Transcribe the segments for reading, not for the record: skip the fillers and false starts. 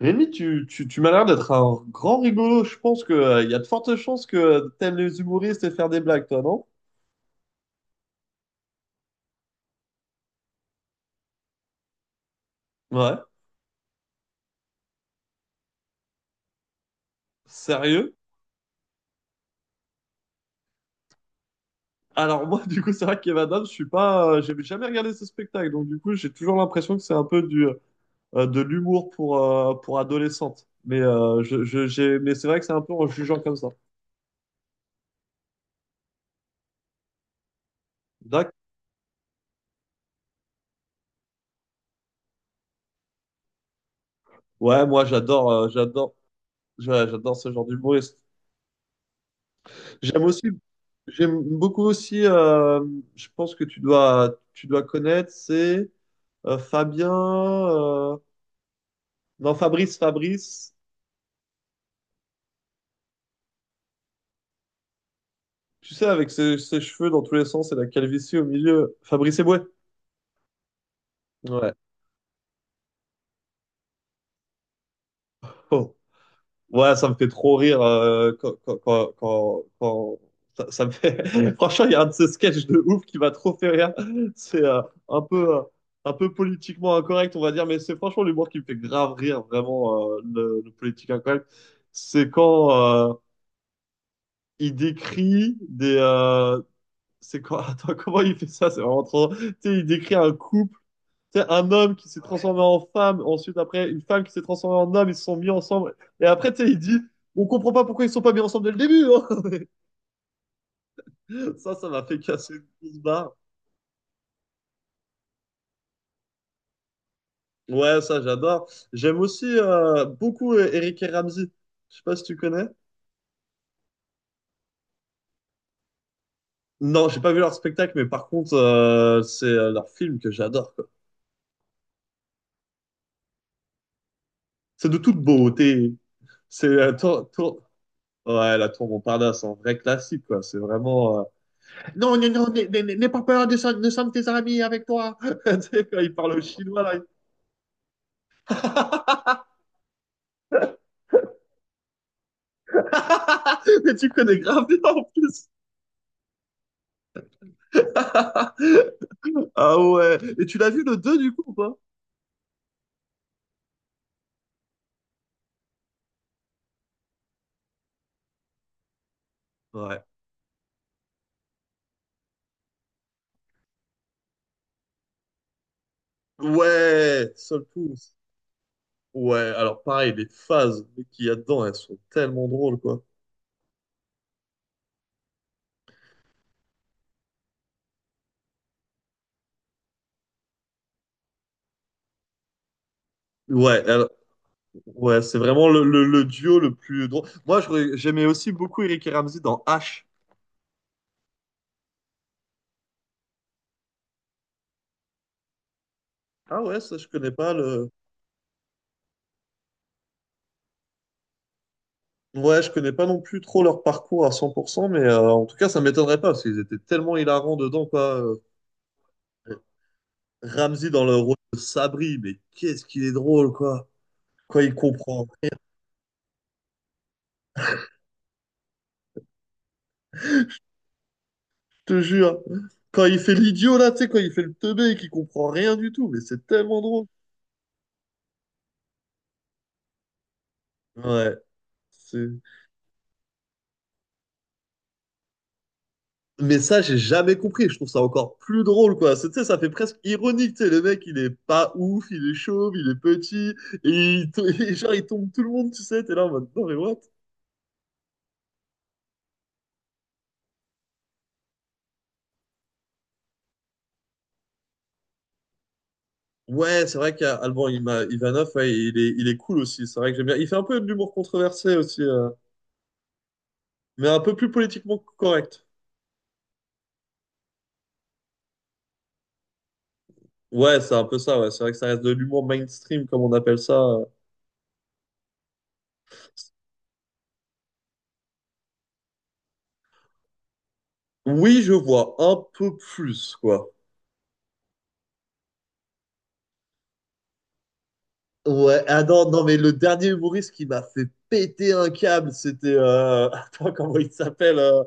Rémi, tu m'as l'air d'être un grand rigolo. Je pense que, il y a de fortes chances que t'aimes les humoristes et faire des blagues, toi, non? Ouais. Sérieux? Alors moi, du coup, c'est vrai qu'Evan Adams, je suis pas, j'ai jamais regardé ce spectacle, donc du coup, j'ai toujours l'impression que c'est un peu du, de l'humour pour adolescentes. Mais mais c'est vrai que c'est un peu en jugeant comme ça. D'accord. Ouais, moi, j'adore, j'adore ce genre d'humoriste. J'aime aussi, j'aime beaucoup aussi, je pense que tu dois connaître, c'est Fabien, non, Fabrice, tu sais, avec ses cheveux dans tous les sens et la calvitie au milieu, Fabrice Eboué. Ouais. Oh. Ouais, ça me fait trop rire ça me fait... Franchement, il y a un de ces sketchs de ouf qui m'a trop fait rire. C'est un peu, euh, un peu politiquement incorrect, on va dire, mais c'est franchement l'humour qui me fait grave rire, vraiment, le politique incorrect. C'est quand euh, il décrit des... c'est quand... Attends, comment il fait ça? C'est vraiment trop... Tu sais, il décrit un couple, tu sais, un homme qui s'est transformé en femme, ensuite après une femme qui s'est transformée en homme, ils se sont mis ensemble. Et après, tu sais, il dit, on comprend pas pourquoi ils sont pas mis ensemble dès le début, hein. Ça m'a fait casser une grosse barre. Ouais, ça, j'adore. J'aime aussi beaucoup Eric et Ramsey. Je sais pas si tu connais. Non, j'ai pas vu leur spectacle, mais par contre, c'est leur film que j'adore, quoi. C'est de toute beauté. C'est tour... Ouais, la tour Montparnasse, c'est un vrai classique, quoi. C'est vraiment... non, non, non, n'aie pas peur, descends, descends tes amis avec toi. Tu sais, quand il parle au chinois, là. Mais tu connais grave bien en plus. Ah ouais. Et tu l'as vu le 2 du coup ou pas? Ouais. Ouais, Soul Pouce. Ouais, alors pareil, les phases qu'il y a dedans, elles sont tellement drôles, quoi. Ouais, elle- ouais, c'est vraiment le, le duo le plus drôle. Moi, je j'aimais aussi beaucoup Eric et Ramzy dans H. Ah ouais, ça, je connais pas, le. Ouais, je connais pas non plus trop leur parcours à 100%, mais en tout cas, ça m'étonnerait pas, parce qu'ils étaient tellement hilarants dedans, quoi. Ramsey dans le rôle de Sabri, mais qu'est-ce qu'il est drôle, quoi. Quand il comprend, je te jure. Quand il fait l'idiot, là, tu sais, quand il fait le teubé et qu'il comprend rien du tout, mais c'est tellement drôle. Ouais. c'est- Mais ça, j'ai jamais compris. Je trouve ça encore plus drôle, quoi. C'est- tu sais, ça fait presque ironique, tu sais. Le mec, il est pas ouf, il est chauve, il est petit, et, et genre, il tombe tout le monde, tu sais. T'es là en mode, non, mais what? Ouais, c'est vrai qu'Ivanov, ouais, il est cool aussi. C'est vrai que j'aime bien. Il fait un peu de l'humour controversé aussi, mais un peu plus politiquement correct. Ouais, c'est un peu ça. Ouais. C'est vrai que ça reste de l'humour mainstream, comme on appelle ça. Oui, je vois un peu plus, quoi. Ouais, ah non, non, mais le dernier humoriste qui m'a fait péter un câble, c'était... Attends, comment il s'appelle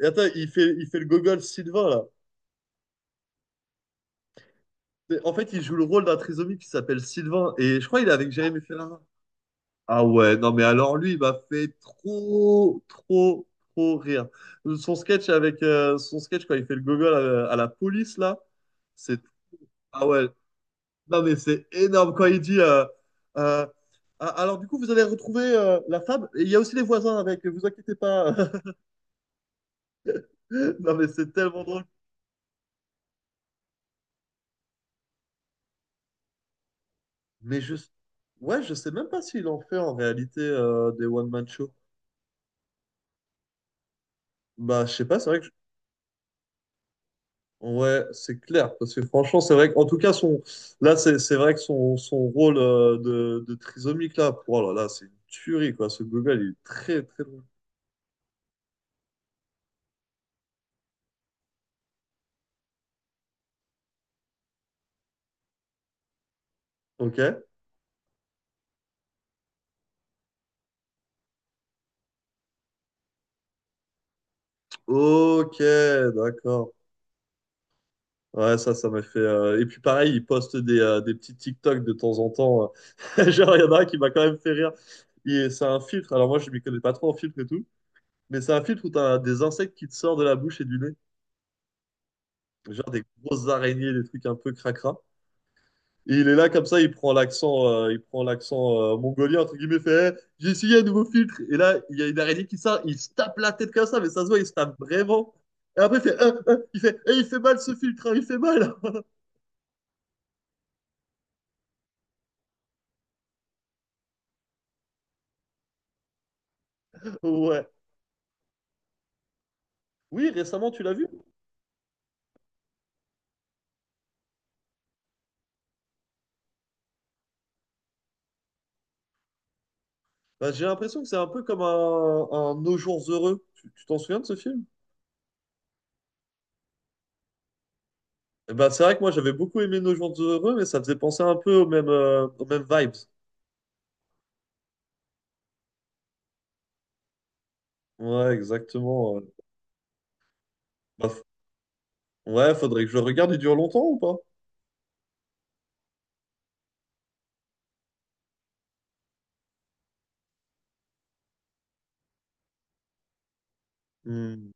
et attends, il fait le gogol Sylvain, là. En fait, il joue le rôle d'un trisomique qui s'appelle Sylvain, et je crois qu'il est avec Jérémy Ferrara. Ah ouais, non mais alors lui, il m'a fait trop rire. Son sketch quand il fait le gogol à la police là, c'est ah ouais, non mais c'est énorme quand il dit euh, ah, alors du coup vous avez retrouvé la femme et il y a aussi les voisins avec, vous inquiétez pas. Non mais c'est tellement drôle. Mais je ouais, je sais même pas s'il en fait en réalité des one man show. Bah je sais pas, c'est vrai que ouais, c'est clair, parce que franchement, c'est vrai qu'en tout cas, son, là, c'est vrai que son, son rôle de trisomique, là, pour, oh là là, c'est une tuerie, quoi. Ce Google, il est très, très bon. Ok. Ok, d'accord. Ouais, ça m'a fait... et puis, pareil, il poste des petits TikTok de temps en temps. Genre, il y en a un qui m'a quand même fait rire. Et c'est un filtre. Alors, moi, je m'y connais pas trop en filtre et tout. Mais c'est un filtre où tu as des insectes qui te sortent de la bouche et du nez. Genre, des grosses araignées, des trucs un peu cracra. Et il est là comme ça, il prend l'accent mongolien entre guillemets, fait eh, j'ai essayé un nouveau filtre. Et là, il y a une araignée qui sort, il se tape la tête comme ça, mais ça se voit, il se tape vraiment. Et après, ah, ah il fait, eh, il fait mal ce filtre, hein, il fait mal. Ouais. Oui, récemment, tu l'as vu? Bah, j'ai l'impression que c'est un peu comme un Nos jours heureux. Tu t'en souviens de ce film? Eh ben, c'est vrai que moi, j'avais beaucoup aimé Nos jours heureux, mais ça faisait penser un peu aux mêmes vibes. Ouais, exactement, ouais. Bah, f- ouais, faudrait que je le regarde. Il dure longtemps ou pas? Hmm.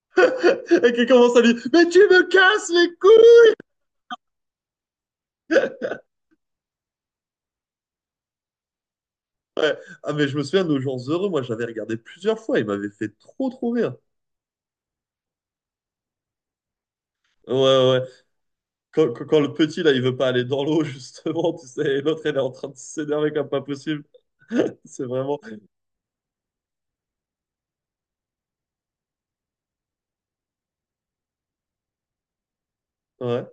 Et qui commence à lui dire: mais tu me casses les couilles. Ouais. Ah, mais je me souviens, Nos Jours Heureux, moi j'avais regardé plusieurs fois, il m'avait fait trop trop rire. Ouais, ouais. Quand le petit là, il veut pas aller dans l'eau, justement, tu sais, et l'autre, elle est en train de s'énerver comme pas possible. C'est vraiment... Ouais.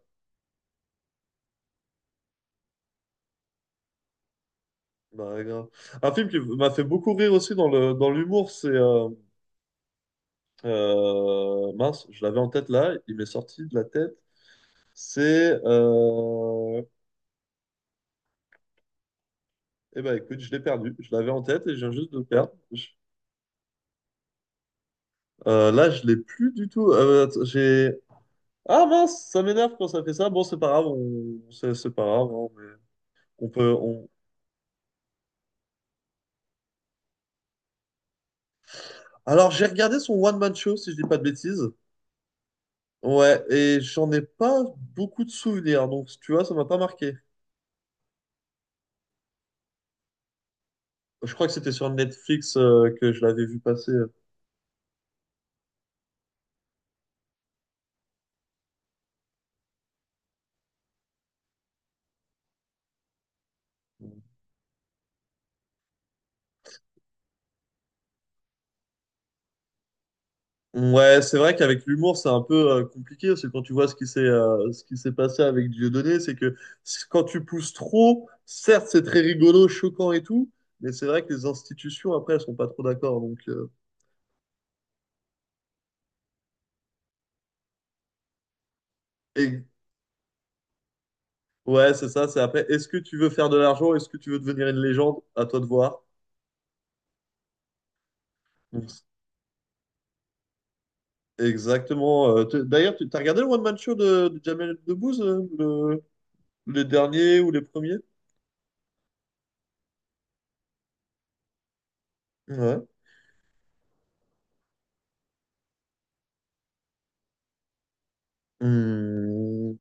Bah, ouais, grave. Un film qui m'a fait beaucoup rire aussi dans le, dans l'humour, c'est... mince, je l'avais en tête là, il m'est sorti de la tête. C'est... euh... Eh ben écoute, je l'ai perdu. Je l'avais en tête et je viens juste de le perdre. Là, je l'ai plus du tout. J'ai... ah mince, ça m'énerve quand ça fait ça. Bon, c'est pas grave, on... c'est pas grave, hein, mais on... Alors, j'ai regardé son one-man show, si je dis pas de bêtises. Ouais, et j'en ai pas beaucoup de souvenirs, donc tu vois, ça m'a pas marqué. Je crois que c'était sur Netflix que je l'avais vu passer. Ouais, c'est vrai qu'avec l'humour, c'est un peu compliqué. Parce que quand tu vois ce qui s'est passé avec Dieudonné, c'est que quand tu pousses trop, certes, c'est très rigolo, choquant et tout, mais c'est vrai que les institutions, après, elles sont pas trop d'accord. Donc, et, ouais, c'est ça. C'est après, est-ce que tu veux faire de l'argent? Est-ce que tu veux devenir une légende? À toi de voir. Donc, exactement. D'ailleurs, tu as regardé le One Man Show de Jamel Debbouze, le, les derniers ou les premiers? Ouais. Hmm.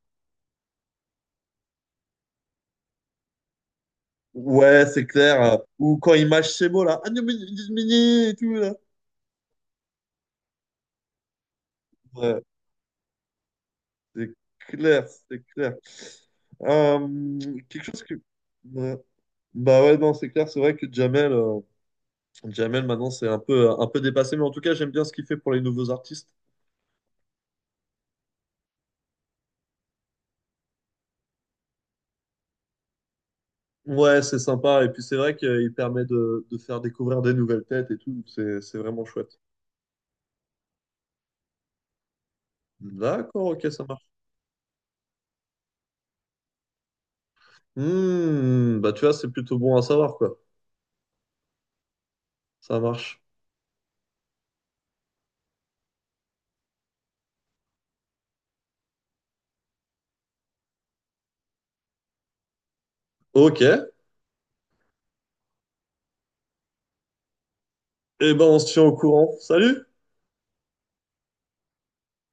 Ouais, c'est clair. Euh, ou quand il mâche ses mots, là. Ah, non, mais- et tout, là. Ouais, c'est clair, c'est clair. Euh, quelque chose que... ouais. Bah ouais, non, c'est clair. C'est vrai que Jamel, Jamel maintenant, c'est un peu dépassé. Mais en tout cas, j'aime bien ce qu'il fait pour les nouveaux artistes. Ouais, c'est sympa. Et puis, c'est vrai qu'il permet de faire découvrir des nouvelles têtes et tout. Donc c'est vraiment chouette. D'accord, ok, ça marche. Hmm, bah tu vois, c'est plutôt bon à savoir, quoi. Ça marche. Ok, eh ben, on se tient au courant. Salut!